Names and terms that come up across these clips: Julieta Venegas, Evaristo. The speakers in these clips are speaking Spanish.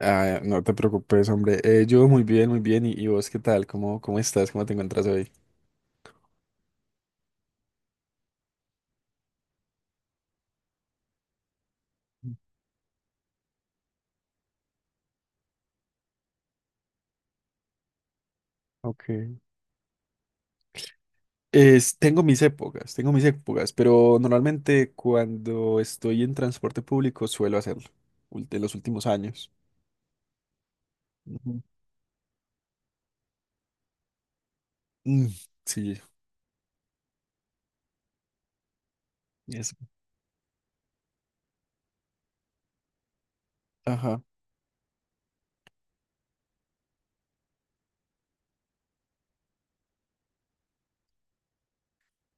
Ah, no te preocupes, hombre. Yo muy bien, muy bien. ¿Y vos qué tal? ¿Cómo estás? ¿Cómo te encuentras hoy? Ok. Tengo mis épocas, tengo mis épocas, pero normalmente cuando estoy en transporte público suelo hacerlo, de los últimos años. Ujú. Mm, sí, es, ajá.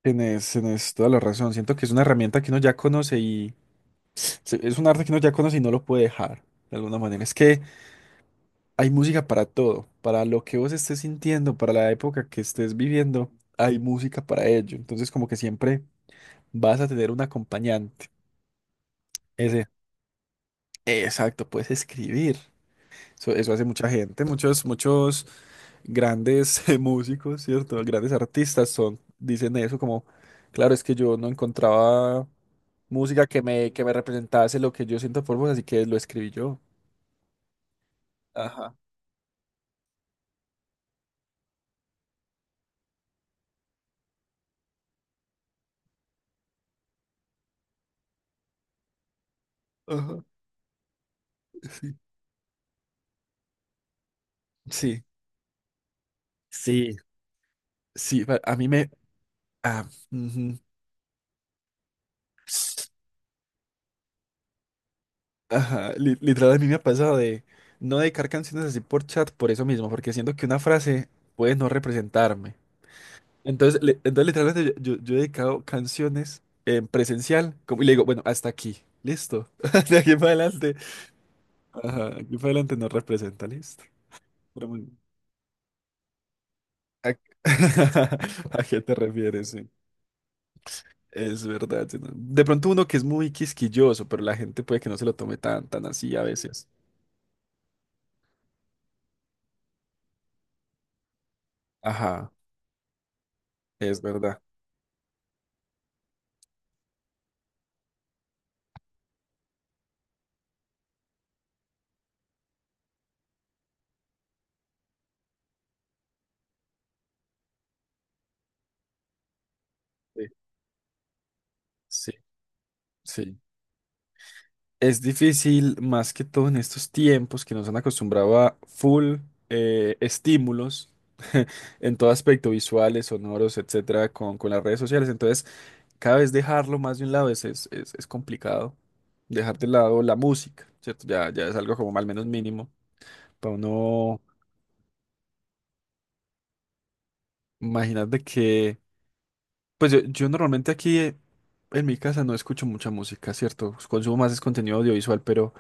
Tienes, tienes toda la razón. Siento que es una herramienta que uno ya conoce y es un arte que uno ya conoce y no lo puede dejar. De alguna manera. Es que hay música para todo, para lo que vos estés sintiendo, para la época que estés viviendo, hay música para ello. Entonces, como que siempre vas a tener un acompañante. Ese. Exacto, puedes escribir. Eso hace mucha gente, muchos, muchos grandes músicos, ¿cierto? Grandes artistas son, dicen eso como, claro, es que yo no encontraba música que me representase lo que yo siento por vos, así que lo escribí yo. Ajá, ajá, sí. Sí. Sí. Sí, a mí me, ah, ujú. Ajá, literal a mí me ha pasado de no dedicar canciones así por chat por eso mismo, porque siento que una frase puede no representarme. Entonces, entonces literalmente yo, yo he dedicado canciones en presencial como, y le digo, bueno, hasta aquí, listo, de aquí para adelante. Ajá, de aquí para adelante no representa, listo. Pero muy bien. ¿A, a qué te refieres? ¿Sí? Es verdad. Sí, no. De pronto uno que es muy quisquilloso, pero la gente puede que no se lo tome tan, tan así a veces. Ajá. Es verdad. Sí. Sí, sí. Es difícil, más que todo en estos tiempos que nos han acostumbrado a full estímulos en todo aspecto, visuales, sonoros, etcétera, con las redes sociales. Entonces, cada vez dejarlo más de un lado es, es complicado. Dejar de lado la música, ¿cierto? Ya, ya es algo como al menos mínimo. Para uno, imagínate que. Pues yo normalmente aquí en mi casa no escucho mucha música, ¿cierto? Consumo más es contenido audiovisual, pero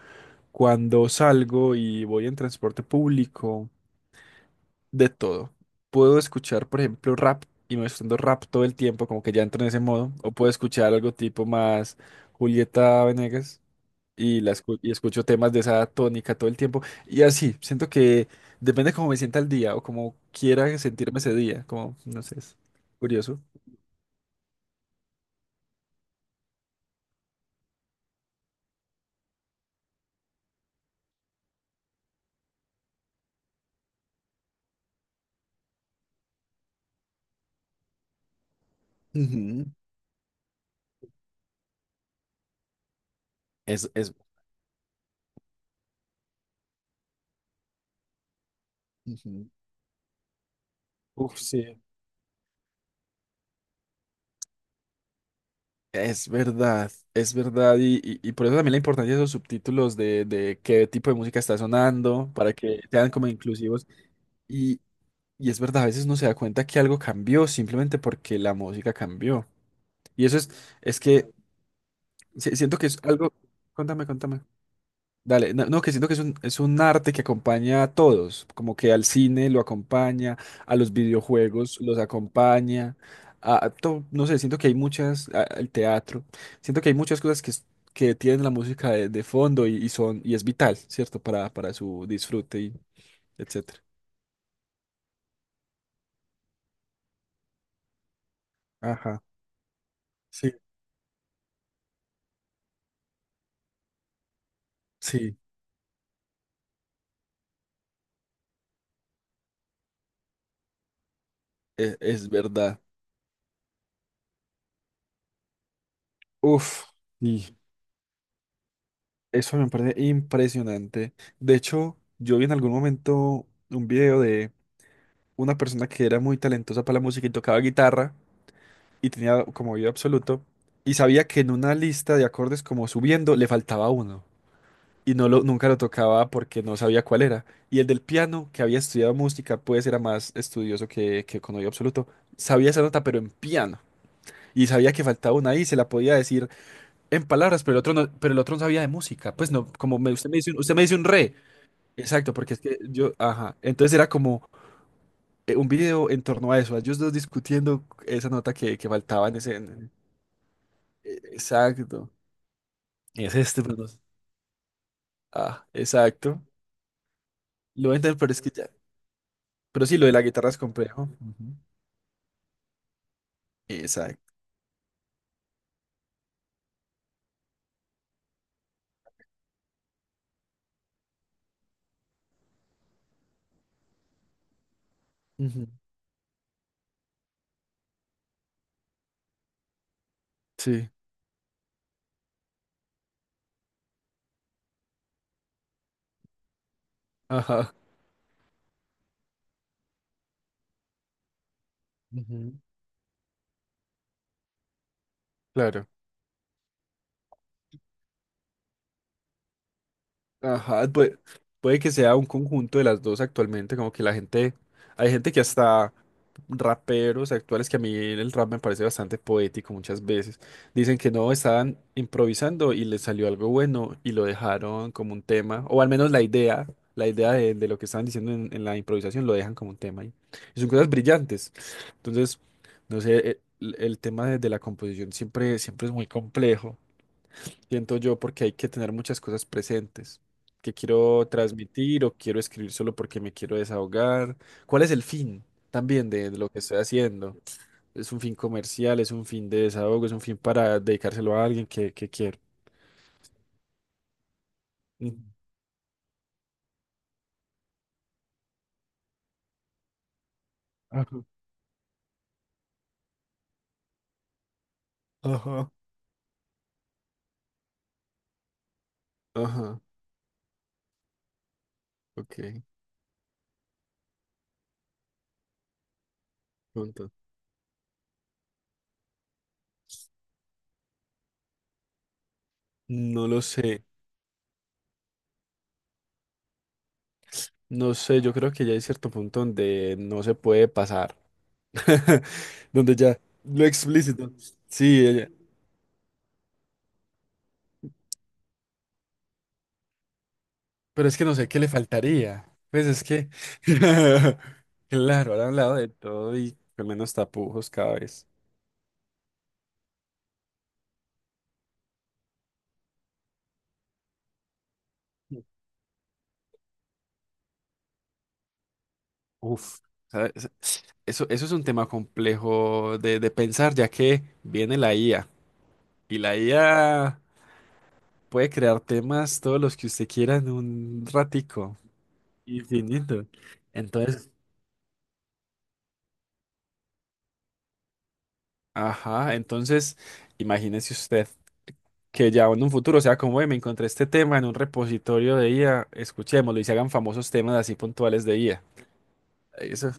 cuando salgo y voy en transporte público, de todo. Puedo escuchar, por ejemplo, rap y me estoy rap todo el tiempo, como que ya entro en ese modo, o puedo escuchar algo tipo más Julieta Venegas y, y escucho temas de esa tónica todo el tiempo. Y así, siento que depende cómo me sienta el día o como quiera sentirme ese día, como, no sé, es curioso. Ujú, es, ujú. Uf, sí. Es verdad, y, y por eso también la importancia de esos subtítulos de qué tipo de música está sonando, para que sean como inclusivos. Y, y es verdad, a veces uno se da cuenta que algo cambió simplemente porque la música cambió. Y eso es que siento que es algo, contame, contame. Dale, no, no, que siento que es un arte que acompaña a todos, como que al cine lo acompaña, a los videojuegos los acompaña, a, no sé, siento que hay muchas, al teatro, siento que hay muchas cosas que, que tienen la música de fondo y son, y es vital, ¿cierto? Para su disfrute y etcétera. Ajá, sí, sí. Es, verdad. Uf, y eso me parece impresionante. De hecho, yo vi en algún momento un video, una persona que era muy talentosa para la música y tocaba guitarra y tenía como oído absoluto y sabía que en una lista de acordes como subiendo le faltaba uno y no lo, nunca lo tocaba porque no sabía cuál era. Y el del piano, que había estudiado música, pues era más estudioso que con oído absoluto, sabía esa nota pero en piano. Y sabía que faltaba una y se la podía decir en palabras, pero el otro no, pero el otro no sabía de música. Pues no, como me, usted me dice, usted me dice un re. Exacto, porque es que yo, ajá. Entonces era como, un video en torno a eso, a ellos dos discutiendo esa nota que faltaba en ese... exacto. Es este, pero sé. Ah, exacto. Lo voy a entender, pero es que ya... Pero sí, lo de la guitarra es complejo. Ujú. Exacto. Ujú. Sí. Ajá. Ujú. Claro. Ajá. Puede, puede que sea un conjunto de las dos actualmente, como que la gente... Hay gente que hasta... raperos actuales que a mí el rap me parece bastante poético muchas veces. Dicen que no, estaban improvisando y les salió algo bueno y lo dejaron como un tema, o al menos la idea de lo que estaban diciendo en la improvisación lo dejan como un tema ahí. Y son cosas brillantes. Entonces, no sé, el tema de la composición siempre, siempre es muy complejo siento yo, porque hay que tener muchas cosas presentes que quiero transmitir o quiero escribir solo porque me quiero desahogar. ¿Cuál es el fin también de lo que estoy haciendo? ¿Es un fin comercial? ¿Es un fin de desahogo? ¿Es un fin para dedicárselo a alguien que quiero? Mm. Ajá, ajá, ajá, ok, punto. No lo sé, no sé, yo creo que ya hay cierto punto donde no se puede pasar, donde ya lo explícito. Sí. Pero es que no sé qué le faltaría. Pues es que, claro, ahora han hablado de todo y con menos tapujos cada vez. Uf, ¿sabes? Eso es un tema complejo de pensar, ya que viene la IA. Y la IA puede crear temas, todos los que usted quiera, en un ratico, infinito. Entonces, ajá, entonces, imagínese usted que ya en un futuro sea como, "Ey, me encontré este tema en un repositorio de IA, escuchémoslo" y se hagan famosos temas así puntuales de IA. Eso,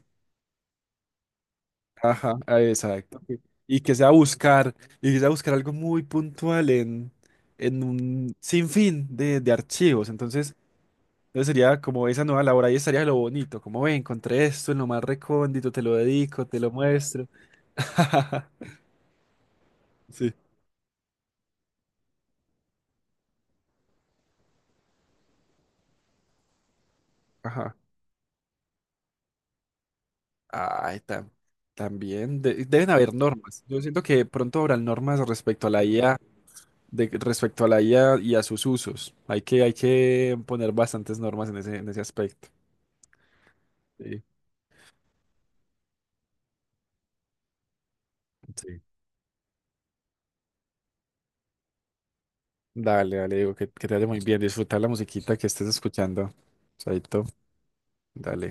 ajá, ah, exacto. Y que sea buscar, y que sea buscar algo muy puntual en un sinfín de archivos. Entonces, entonces sería como esa nueva labor, ahí estaría lo bonito, como, "Ve, encontré esto en lo más recóndito, te lo dedico, te lo muestro." Sí. Ajá. Ay, también deben haber normas. Yo siento que pronto habrán normas respecto a la IA, de, respecto a la IA y a sus usos. Hay que poner bastantes normas en ese aspecto. Sí. Sí. Dale, dale, digo, que te vaya muy bien. Disfrutar la musiquita que estés escuchando. Chaito, dale.